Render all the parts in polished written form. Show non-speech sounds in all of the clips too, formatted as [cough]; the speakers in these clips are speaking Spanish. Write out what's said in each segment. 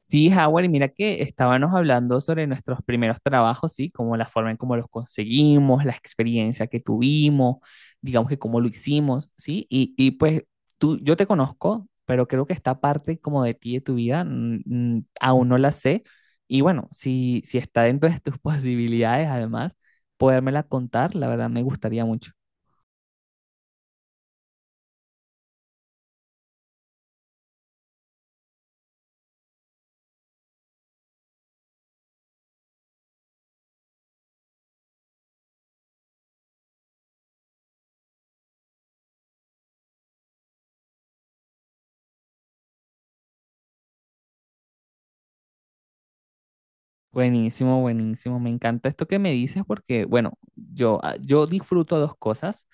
Sí, Howard, y mira que estábamos hablando sobre nuestros primeros trabajos, ¿sí? Como la forma en cómo los conseguimos, la experiencia que tuvimos, digamos que cómo lo hicimos, ¿sí? Y pues tú, yo te conozco, pero creo que esta parte como de ti, de tu vida, aún no la sé. Y bueno, si está dentro de tus [laughs] posibilidades, además, podérmela contar, la verdad me gustaría mucho. Buenísimo, buenísimo. Me encanta esto que me dices porque, bueno, yo, yo disfruto dos cosas.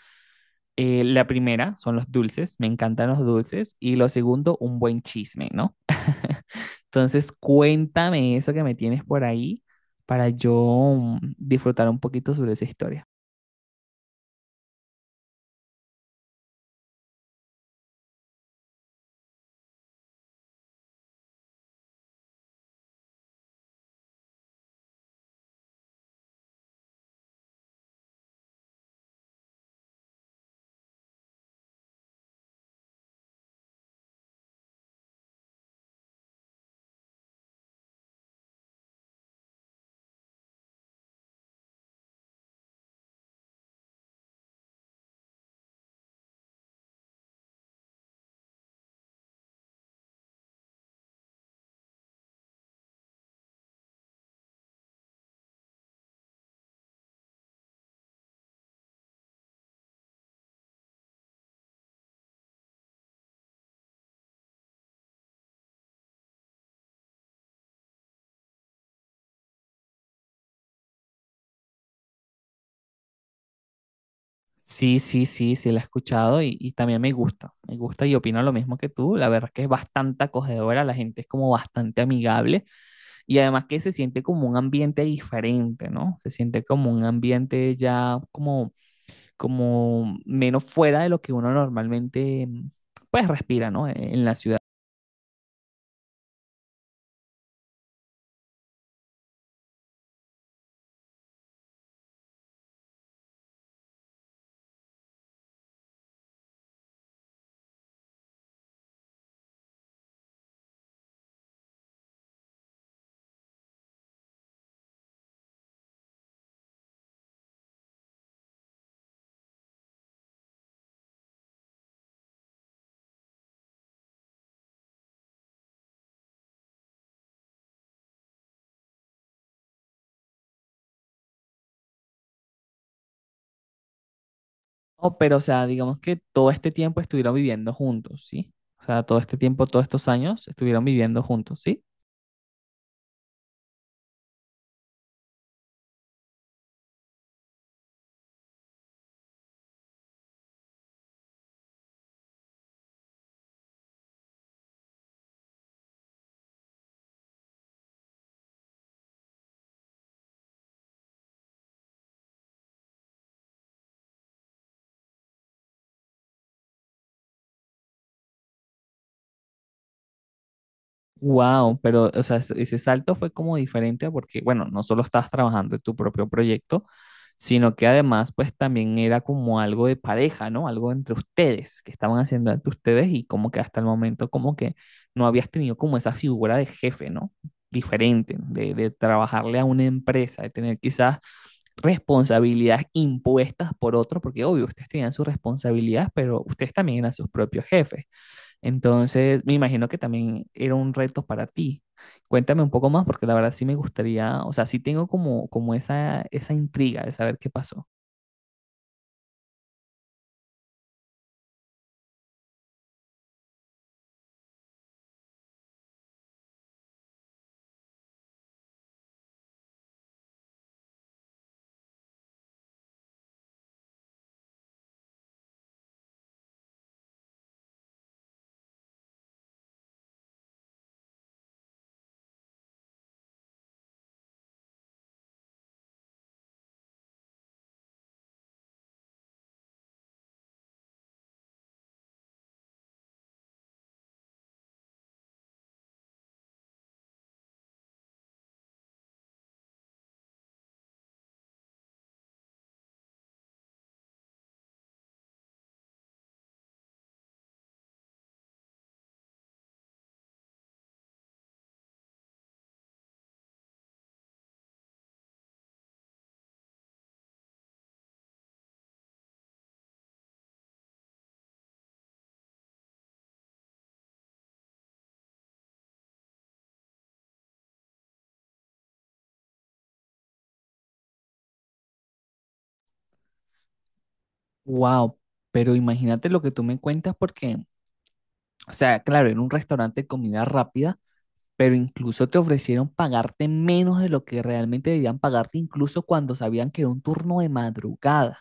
La primera son los dulces, me encantan los dulces. Y lo segundo, un buen chisme, ¿no? Entonces, cuéntame eso que me tienes por ahí para yo disfrutar un poquito sobre esa historia. Sí, sí, sí, sí, la he escuchado y también me gusta. Me gusta y opino lo mismo que tú. La verdad es que es bastante acogedora, la gente es como bastante amigable. Y además que se siente como un ambiente diferente, ¿no? Se siente como un ambiente ya como, como menos fuera de lo que uno normalmente pues respira, ¿no? En la ciudad. No, pero o sea, digamos que todo este tiempo estuvieron viviendo juntos, ¿sí? O sea, todo este tiempo, todos estos años estuvieron viviendo juntos, ¿sí? Wow, pero o sea, ese salto fue como diferente porque, bueno, no solo estabas trabajando en tu propio proyecto, sino que además, pues también era como algo de pareja, ¿no? Algo entre ustedes, que estaban haciendo entre ustedes y como que hasta el momento como que no habías tenido como esa figura de jefe, ¿no? Diferente, de trabajarle a una empresa, de tener quizás responsabilidades impuestas por otros, porque obvio, ustedes tenían sus responsabilidades, pero ustedes también eran sus propios jefes. Entonces, me imagino que también era un reto para ti. Cuéntame un poco más, porque la verdad sí me gustaría, o sea, sí tengo como, como esa intriga de saber qué pasó. Wow, pero imagínate lo que tú me cuentas, porque, o sea, claro, era un restaurante de comida rápida, pero incluso te ofrecieron pagarte menos de lo que realmente debían pagarte, incluso cuando sabían que era un turno de madrugada,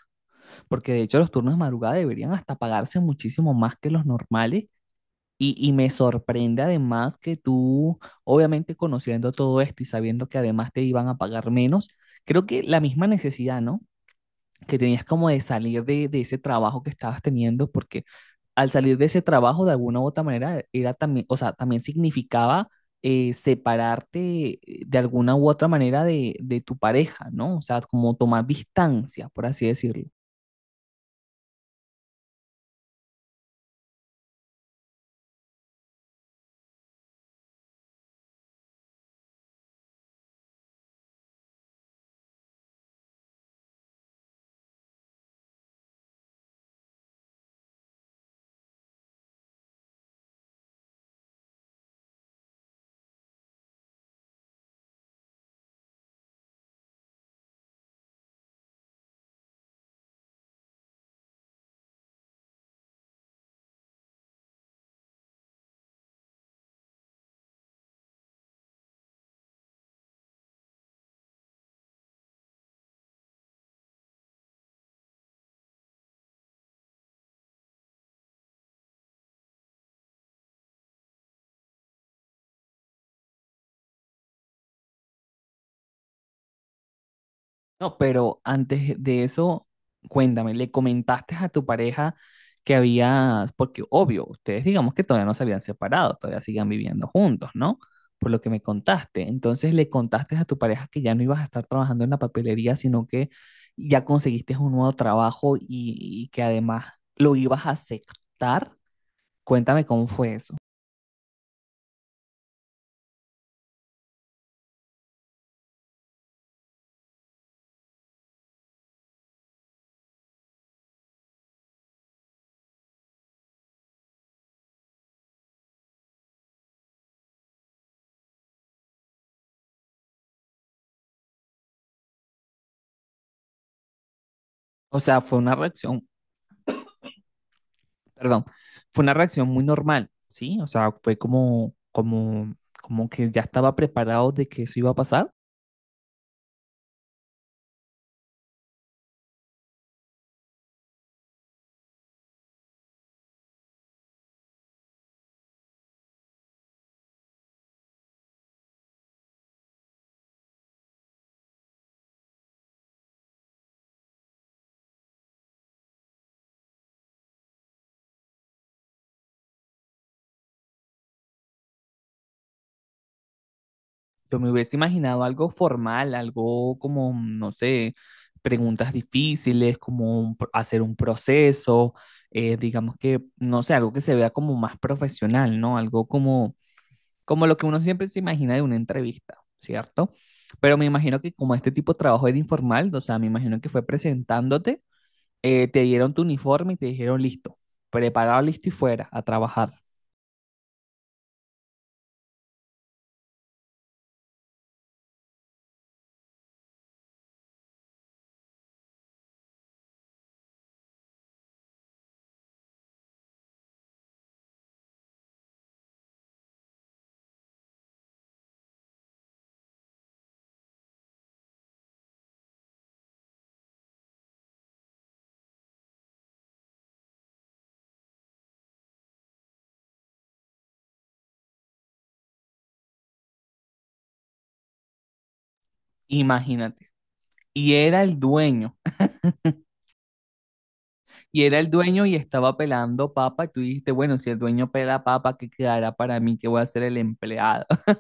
porque de hecho los turnos de madrugada deberían hasta pagarse muchísimo más que los normales. Y me sorprende además que tú, obviamente conociendo todo esto y sabiendo que además te iban a pagar menos, creo que la misma necesidad, ¿no? Que tenías como de salir de ese trabajo que estabas teniendo, porque al salir de ese trabajo, de alguna u otra manera, era también, o sea, también significaba separarte de alguna u otra manera de tu pareja, ¿no? O sea, como tomar distancia, por así decirlo. No, pero antes de eso, cuéntame, ¿le comentaste a tu pareja que habías, porque obvio, ustedes digamos que todavía no se habían separado, todavía siguen viviendo juntos, ¿no? Por lo que me contaste. Entonces, ¿le contaste a tu pareja que ya no ibas a estar trabajando en la papelería, sino que ya conseguiste un nuevo trabajo y que además lo ibas a aceptar? Cuéntame cómo fue eso. O sea, fue una reacción perdón, fue una reacción muy normal, ¿sí? O sea, fue como, como, como que ya estaba preparado de que eso iba a pasar. Yo me hubiese imaginado algo formal, algo como, no sé, preguntas difíciles, como un hacer un proceso, digamos que, no sé, algo que se vea como más profesional, ¿no? Algo como, como lo que uno siempre se imagina de una entrevista, ¿cierto? Pero me imagino que como este tipo de trabajo era informal, o sea, me imagino que fue presentándote te dieron tu uniforme y te dijeron listo, preparado, listo y fuera a trabajar. Imagínate. Y era el dueño, y era el dueño y estaba pelando papa, y tú dijiste, bueno, si el dueño pela papa, ¿qué quedará para mí, que voy a ser el empleado? [laughs]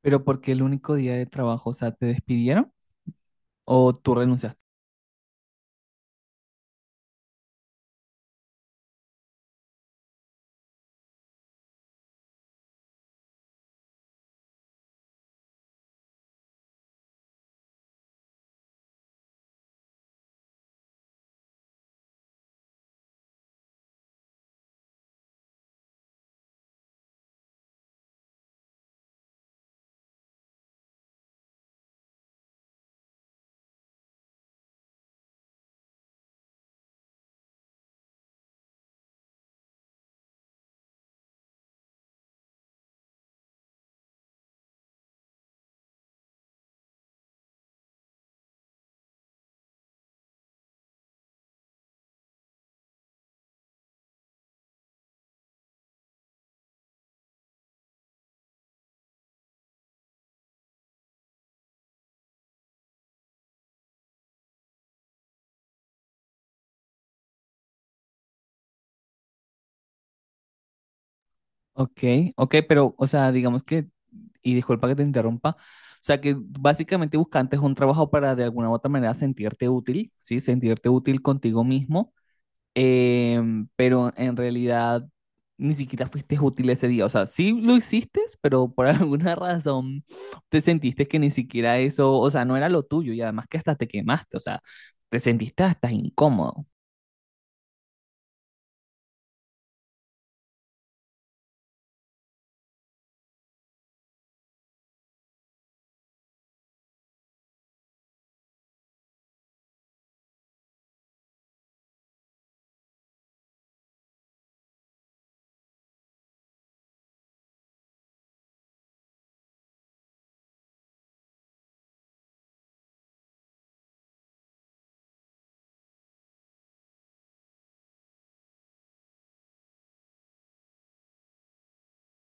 Pero porque el único día de trabajo, o sea, ¿te despidieron o tú renunciaste? Ok, ok, pero, o sea, digamos que, y disculpa que te interrumpa, o sea, que básicamente buscantes un trabajo para de alguna u otra manera sentirte útil, ¿sí? Sentirte útil contigo mismo. Pero en realidad ni siquiera fuiste útil ese día. O sea, sí lo hiciste, pero por [laughs] alguna razón te sentiste que ni siquiera eso, o sea, no era lo tuyo y además que hasta te quemaste, o sea, te sentiste hasta incómodo.